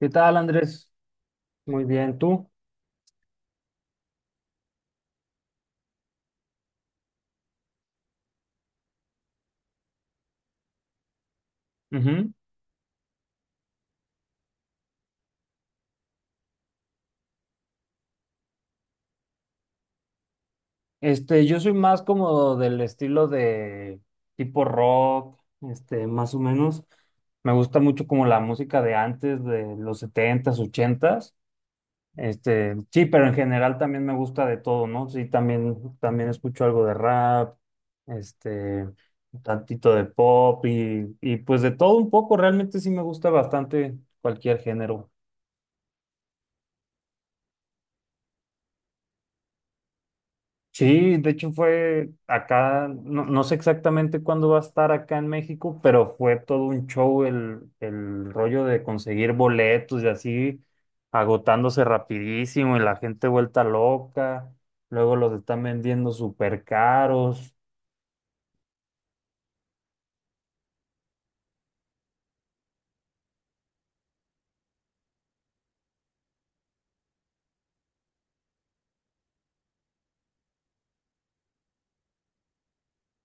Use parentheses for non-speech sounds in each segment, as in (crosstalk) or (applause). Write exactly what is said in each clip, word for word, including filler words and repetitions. ¿Qué tal, Andrés? Muy bien, ¿tú? Ujú. Este, yo soy más como del estilo de tipo rock, este, más o menos. Me gusta mucho como la música de antes, de los setentas, ochentas. Este, sí, pero en general también me gusta de todo, ¿no? Sí, también, también escucho algo de rap, este, un tantito de pop y, y pues de todo un poco. Realmente sí me gusta bastante cualquier género. Sí, de hecho fue acá, no, no sé exactamente cuándo va a estar acá en México, pero fue todo un show el, el rollo de conseguir boletos y así, agotándose rapidísimo y la gente vuelta loca, luego los están vendiendo súper caros.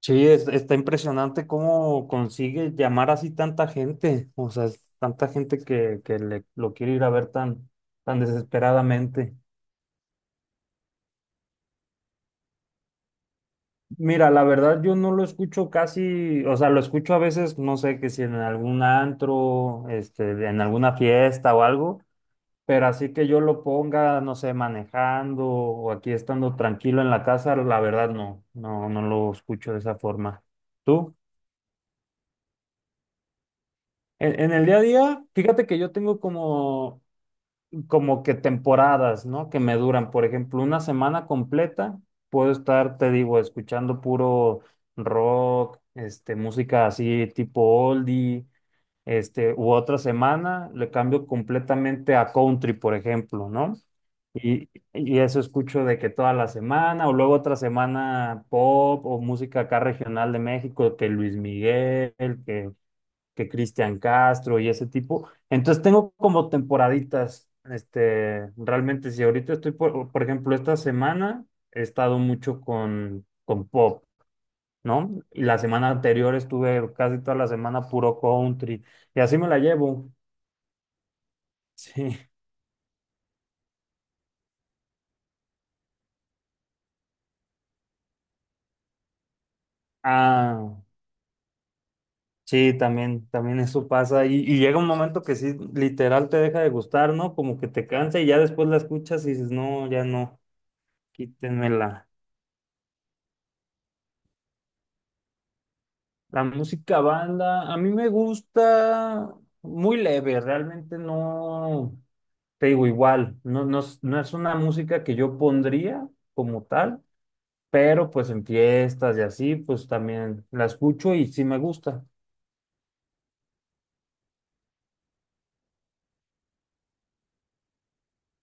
Sí, es- está impresionante cómo consigue llamar así tanta gente, o sea, es tanta gente que, que le- lo quiere ir a ver tan, tan desesperadamente. Mira, la verdad yo no lo escucho casi, o sea, lo escucho a veces, no sé, que si en algún antro, este, en alguna fiesta o algo, pero así que yo lo ponga, no sé, manejando o aquí estando tranquilo en la casa, la verdad no, no, no lo escucho de esa forma. ¿Tú? En, en el día a día, fíjate que yo tengo como como que temporadas, ¿no? Que me duran, por ejemplo, una semana completa, puedo estar, te digo, escuchando puro rock, este, música así tipo oldie, este, u otra semana le cambio completamente a country, por ejemplo, ¿no? Y, y eso escucho de que toda la semana, o luego otra semana pop o música acá regional de México, que Luis Miguel, que que Cristian Castro y ese tipo. Entonces tengo como temporaditas, este, realmente si ahorita estoy, por, por ejemplo, esta semana he estado mucho con, con pop, ¿no? Y la semana anterior estuve casi toda la semana puro country y así me la llevo. (laughs) Sí. Ah, sí, también, también eso pasa y, y llega un momento que sí, literal te deja de gustar, ¿no? Como que te cansa y ya después la escuchas y dices, no, ya no, quítenmela. La música banda, a mí me gusta muy leve, realmente no, te digo igual, no, no, es no es una música que yo pondría como tal, pero pues en fiestas y así, pues también la escucho y sí me gusta.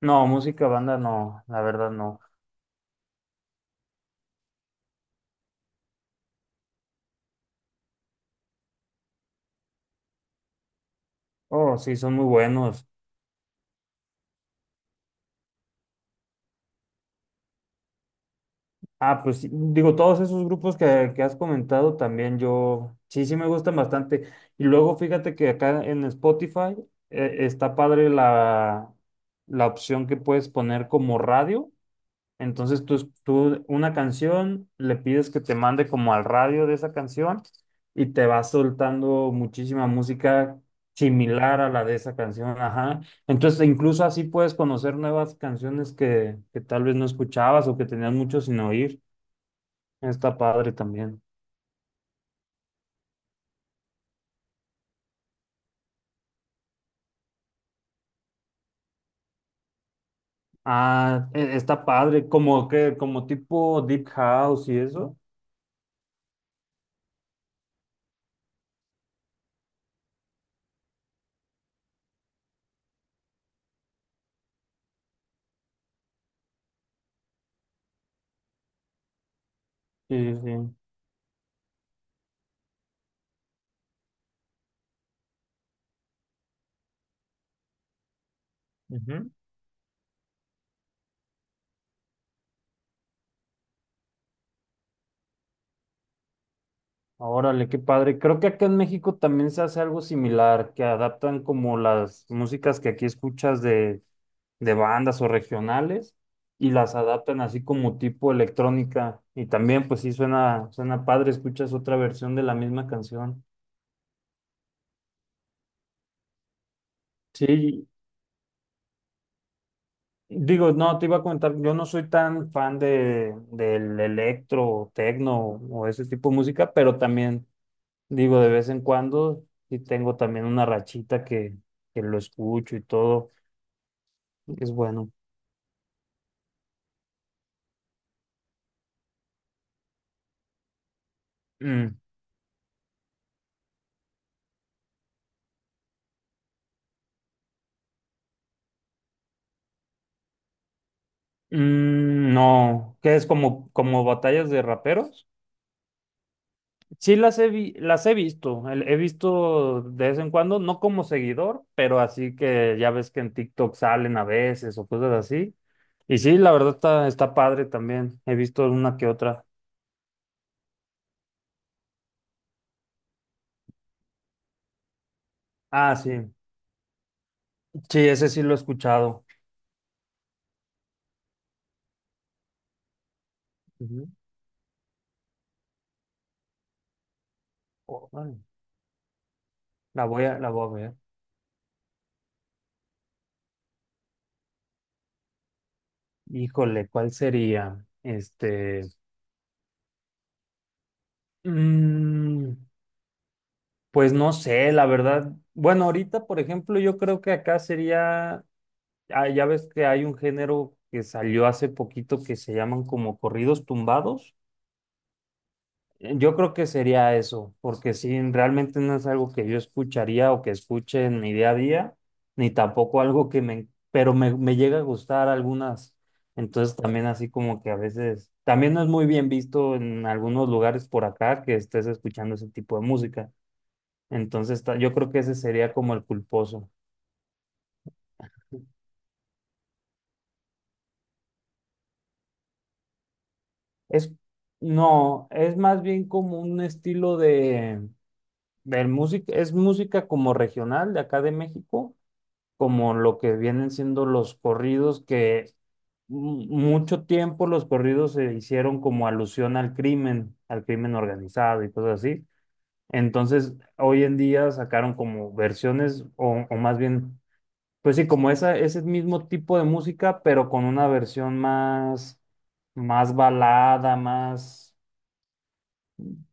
No, música banda no, la verdad no. Oh, sí, son muy buenos. Ah, pues sí, digo, todos esos grupos que, que has comentado también yo, sí, sí me gustan bastante. Y luego fíjate que acá en Spotify eh, está padre la, la opción que puedes poner como radio. Entonces tú, es- tú una canción, le pides que te mande como al radio de esa canción y te va soltando muchísima música similar a la de esa canción. Ajá. Entonces, incluso así puedes conocer nuevas canciones que, que tal vez no escuchabas o que tenías mucho sin oír. Está padre también. Ah, e- está padre, como que, como tipo Deep House y eso. Sí, sí. Ujú. Órale, qué padre. Creo que acá en México también se hace algo similar, que adaptan como las músicas que aquí escuchas de, de bandas o regionales y las adaptan así como tipo electrónica. Y también, pues sí, suena, suena padre, escuchas otra versión de la misma canción. Sí, digo, no, te iba a comentar, yo no soy tan fan de, del electro, tecno o ese tipo de música, pero también, digo, de vez en cuando, y tengo también una rachita que, que lo escucho y todo, que es bueno. Mm, mm, no, que es como, como batallas de raperos. Sí las he, vi- las he visto, el- he visto de vez en cuando, no como seguidor, pero así que ya ves que en TikTok salen a veces o cosas así. Y sí, la verdad está, está padre también. He visto una que otra. Ah, sí. Sí, ese sí lo he escuchado. Ujú. Órale, La voy a, la voy a ver. Híjole, ¿cuál sería? Este, mm, pues no sé, la verdad. Bueno, ahorita, por ejemplo, yo creo que acá sería, ah, ya ves que hay un género que salió hace poquito que se llaman como corridos tumbados. Yo creo que sería eso, porque sí, realmente no es algo que yo escucharía o que escuche en mi día a día, ni tampoco algo que me, pero me, me llega a gustar algunas. Entonces también así como que a veces, también no es muy bien visto en algunos lugares por acá que estés escuchando ese tipo de música. Entonces ta- yo creo que ese sería como el culposo. Es, no, es más bien como un estilo de, de música, es música como regional de acá de México como lo que vienen siendo los corridos, que mu- mucho tiempo los corridos se hicieron como alusión al crimen, al crimen organizado y cosas así. Entonces, hoy en día sacaron como versiones, o, o más bien, pues sí, como esa, ese mismo tipo de música, pero con una versión más, más balada, más.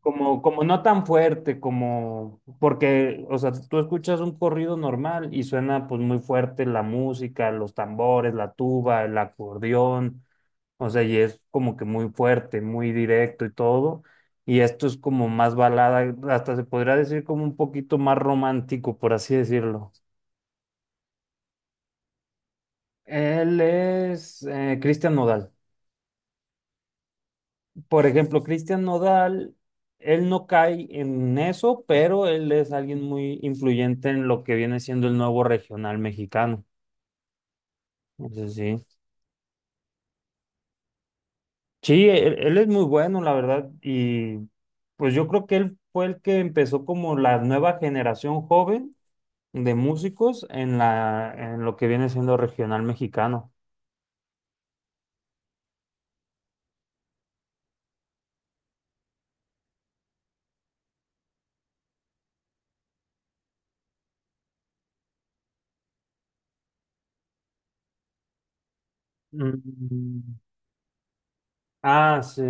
Como, como no tan fuerte, como, porque, o sea, tú escuchas un corrido normal y suena pues muy fuerte la música, los tambores, la tuba, el acordeón, o sea, y es como que muy fuerte, muy directo y todo. Y esto es como más balada, hasta se podría decir como un poquito más romántico, por así decirlo. Él es eh, Cristian Nodal. Por ejemplo, Cristian Nodal, él no cae en eso, pero él es alguien muy influyente en lo que viene siendo el nuevo regional mexicano. Entonces, sí. Sí, él, él es muy bueno, la verdad, y pues yo creo que él fue el que empezó como la nueva generación joven de músicos en la, en lo que viene siendo regional mexicano. Mm. Ah, sí.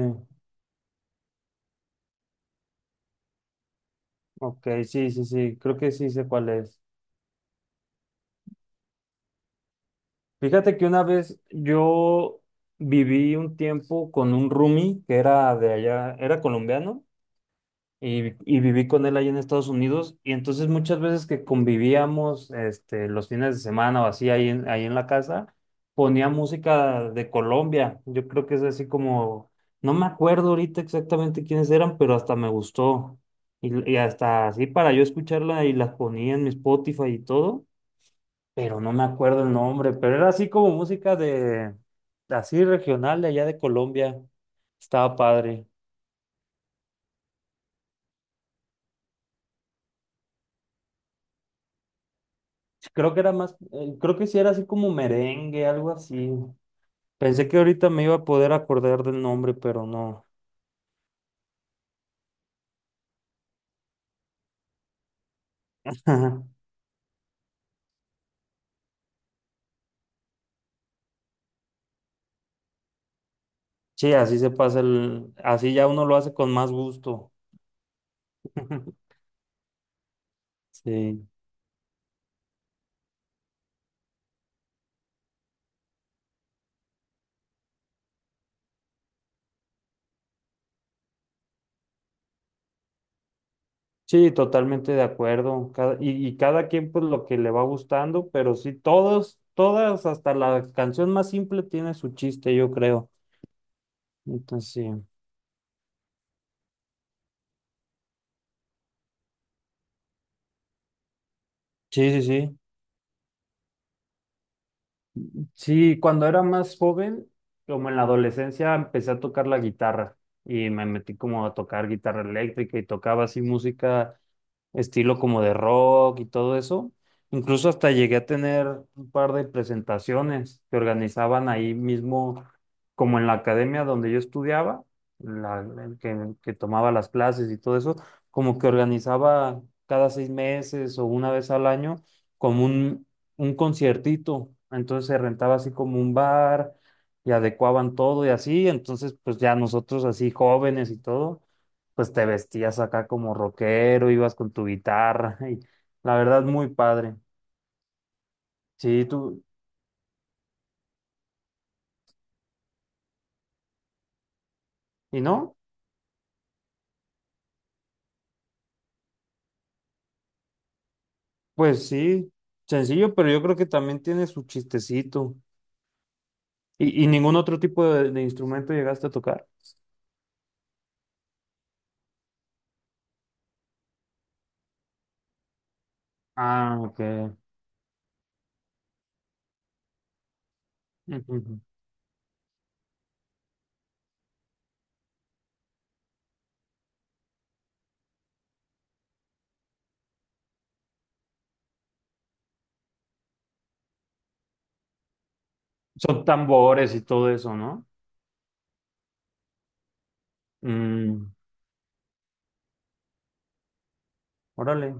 Ok, sí, sí, sí. Creo que sí sé cuál es. Fíjate que una vez yo viví un tiempo con un roomie que era de allá, era colombiano y, y viví con él allá en Estados Unidos y entonces muchas veces que convivíamos este, los fines de semana o así ahí en, ahí en la casa, ponía música de Colombia. Yo creo que es así como, no me acuerdo ahorita exactamente quiénes eran, pero hasta me gustó y, y hasta así para yo escucharla y las ponía en mi Spotify y todo pero no me acuerdo el nombre, pero era así como música de, así regional de allá de Colombia. Estaba padre. Creo que era más, eh, creo que sí era así como merengue, algo así. Pensé que ahorita me iba a poder acordar del nombre, pero no. (laughs) Sí, así se pasa el, así ya uno lo hace con más gusto. (laughs) Sí, sí, totalmente de acuerdo. Cada- y, y cada quien pues lo que le va gustando, pero sí, todos, todas, hasta la canción más simple tiene su chiste, yo creo. Entonces, sí, sí, sí. Sí, sí, cuando era más joven, como en la adolescencia, empecé a tocar la guitarra y me metí como a tocar guitarra eléctrica y tocaba así música estilo como de rock y todo eso. Incluso hasta llegué a tener un par de presentaciones que organizaban ahí mismo, como en la academia donde yo estudiaba, la, que, que tomaba las clases y todo eso, como que organizaba cada seis meses o una vez al año como un un conciertito, entonces se rentaba así como un bar y adecuaban todo y así, entonces pues ya nosotros así jóvenes y todo, pues te vestías acá como rockero, ibas con tu guitarra y la verdad muy padre. Sí, tú, y No, pues sí, sencillo, pero yo creo que también tiene su chistecito. ¿Y, ¿y ningún otro tipo de, de instrumento llegaste a tocar? Ah, ok. Ujú. Son tambores y todo eso, ¿no? Mm, órale.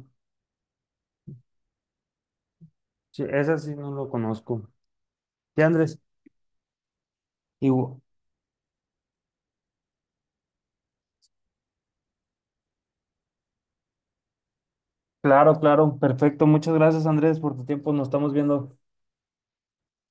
Sí, esa sí no lo conozco. Sí, Andrés, y, claro, claro, perfecto. Muchas gracias, Andrés, por tu tiempo. Nos estamos viendo.